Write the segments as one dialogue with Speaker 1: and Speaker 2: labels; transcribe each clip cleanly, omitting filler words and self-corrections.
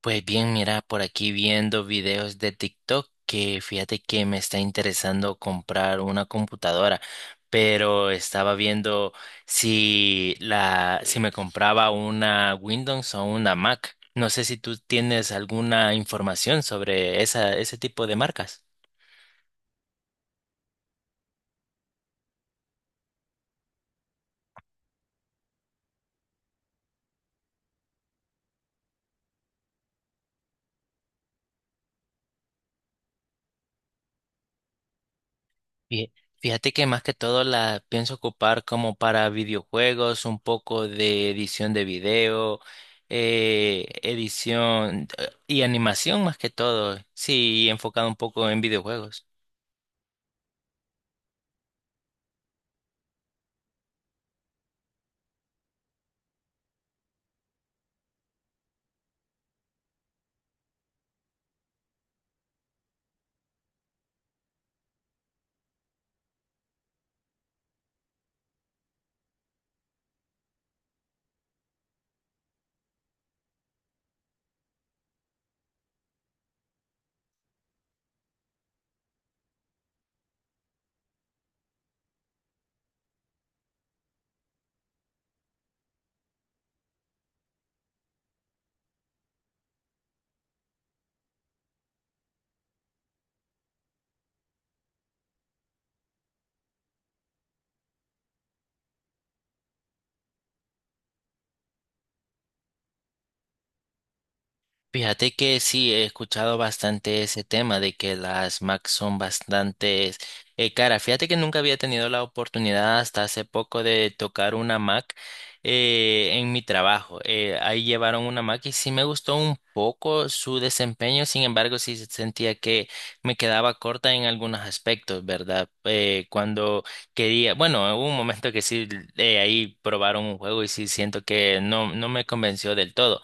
Speaker 1: Pues bien, mira, por aquí viendo videos de TikTok que fíjate que me está interesando comprar una computadora, pero estaba viendo si la, si me compraba una Windows o una Mac. No sé si tú tienes alguna información sobre esa, ese tipo de marcas. Fí- Fíjate que más que todo la pienso ocupar como para videojuegos, un poco de edición de video, edición y animación más que todo. Sí, enfocado un poco en videojuegos. Fíjate que sí, he escuchado bastante ese tema de que las Mac son bastante caras. Fíjate que nunca había tenido la oportunidad hasta hace poco de tocar una Mac en mi trabajo. Ahí llevaron una Mac y sí me gustó un poco su desempeño, sin embargo sí sentía que me quedaba corta en algunos aspectos, ¿verdad? Cuando quería, bueno, hubo un momento que sí, ahí probaron un juego y sí siento que no, no me convenció del todo.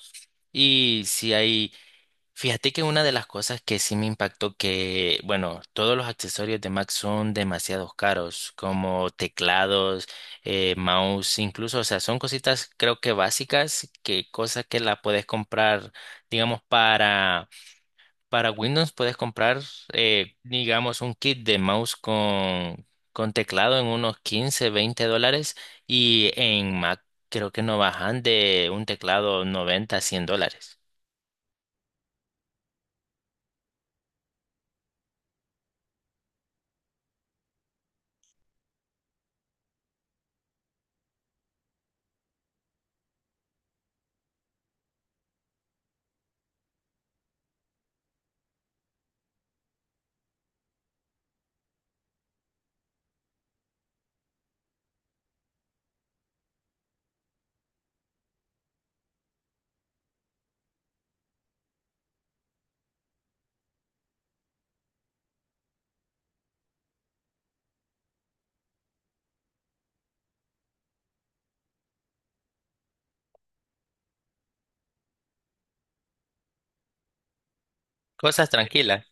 Speaker 1: Y si hay fíjate que una de las cosas que sí me impactó que, bueno, todos los accesorios de Mac son demasiado caros, como teclados, mouse, incluso, o sea, son cositas creo que básicas, que cosas que la puedes comprar, digamos, para Windows puedes comprar, digamos, un kit de mouse con teclado en unos 15 20 dólares y en Mac creo que no bajan de un teclado 90 100 dólares. Cosas tranquilas.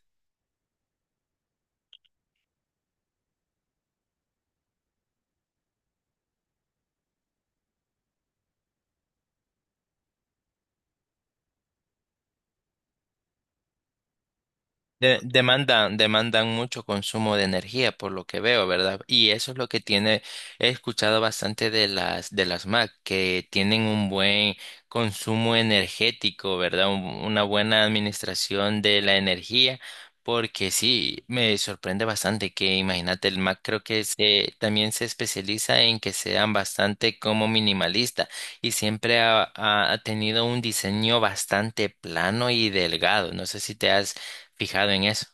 Speaker 1: Demandan mucho consumo de energía, por lo que veo, ¿verdad? Y eso es lo que tiene, he escuchado bastante de las Mac, que tienen un buen consumo energético, ¿verdad? Una buena administración de la energía, porque sí, me sorprende bastante que, imagínate, el Mac creo que se, también se especializa en que sean bastante como minimalista y siempre ha, ha tenido un diseño bastante plano y delgado. No sé si te has fijado en eso.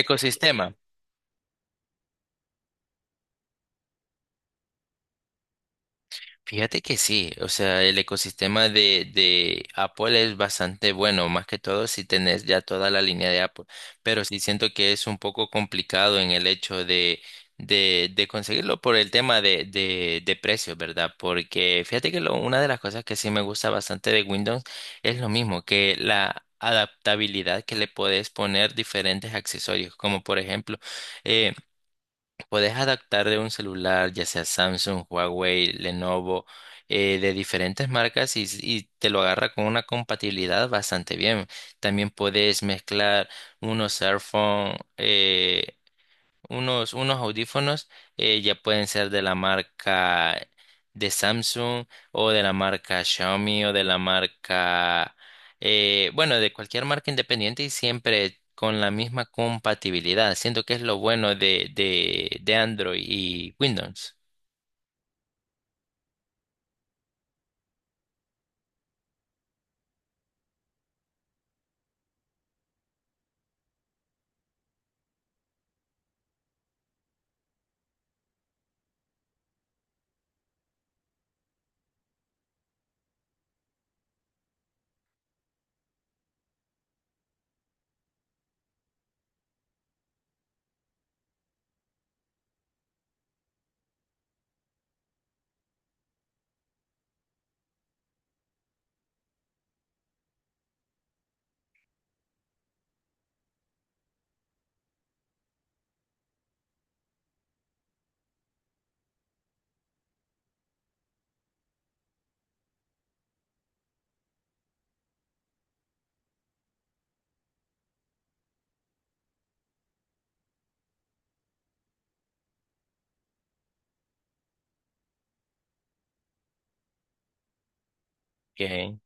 Speaker 1: Ecosistema. Fíjate que sí, o sea, el ecosistema de Apple es bastante bueno, más que todo si tenés ya toda la línea de Apple, pero sí siento que es un poco complicado en el hecho de conseguirlo por el tema de precios, ¿verdad? Porque fíjate que una de las cosas que sí me gusta bastante de Windows es lo mismo, que la adaptabilidad que le podés poner diferentes accesorios, como por ejemplo... eh, Puedes adaptar de un celular, ya sea Samsung, Huawei, Lenovo, de diferentes marcas y te lo agarra con una compatibilidad bastante bien. También puedes mezclar unos Airphone unos, unos audífonos ya pueden ser de la marca de Samsung o de la marca Xiaomi o de la marca, bueno, de cualquier marca independiente y siempre con la misma compatibilidad. Siento que es lo bueno de Android y Windows. Ok.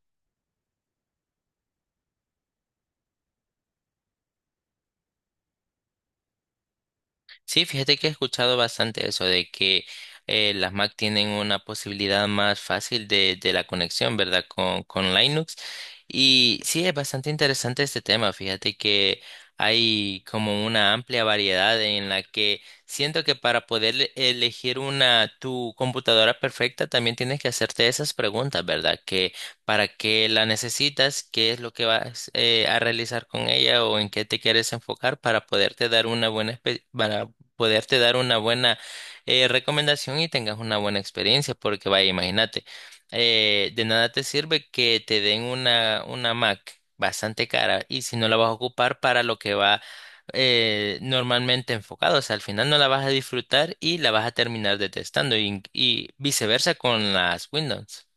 Speaker 1: Sí, fíjate que he escuchado bastante eso de que las Mac tienen una posibilidad más fácil de la conexión, ¿verdad? Con Linux. Y sí, es bastante interesante este tema. Fíjate que hay como una amplia variedad en la que siento que para poder elegir una tu computadora perfecta también tienes que hacerte esas preguntas, ¿verdad? Que para qué la necesitas, qué es lo que vas a realizar con ella o en qué te quieres enfocar para poderte dar una buena para poderte dar una buena recomendación y tengas una buena experiencia, porque vaya, imagínate, de nada te sirve que te den una Mac bastante cara y si no la vas a ocupar para lo que va normalmente enfocado, o sea, al final no la vas a disfrutar y la vas a terminar detestando y viceversa con las Windows.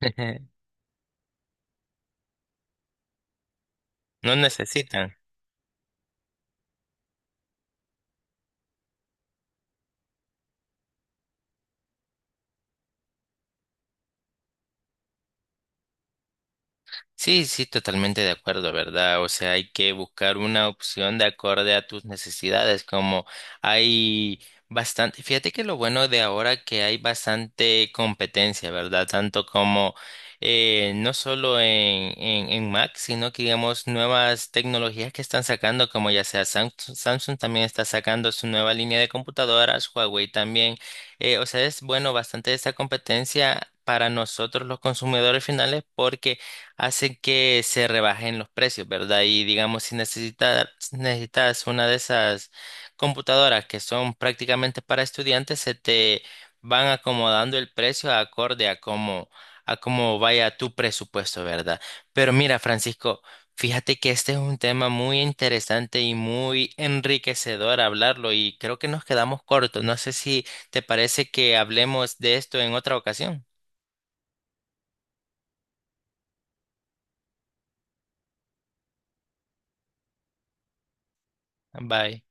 Speaker 1: No necesitan. Sí, sí, totalmente de acuerdo, ¿verdad? O sea, hay que buscar una opción de acorde a tus necesidades, como hay bastante, fíjate que lo bueno de ahora que hay bastante competencia, ¿verdad? Tanto como no solo en Mac, sino que digamos nuevas tecnologías que están sacando, como ya sea Samsung, Samsung también está sacando su nueva línea de computadoras, Huawei también. O sea, es bueno bastante esta competencia. Para nosotros los consumidores finales porque hacen que se rebajen los precios, ¿verdad? Y digamos, si necesitas, necesitas una de esas computadoras que son prácticamente para estudiantes, se te van acomodando el precio acorde a cómo vaya tu presupuesto, ¿verdad? Pero mira, Francisco, fíjate que este es un tema muy interesante y muy enriquecedor hablarlo y creo que nos quedamos cortos. No sé si te parece que hablemos de esto en otra ocasión. Bye.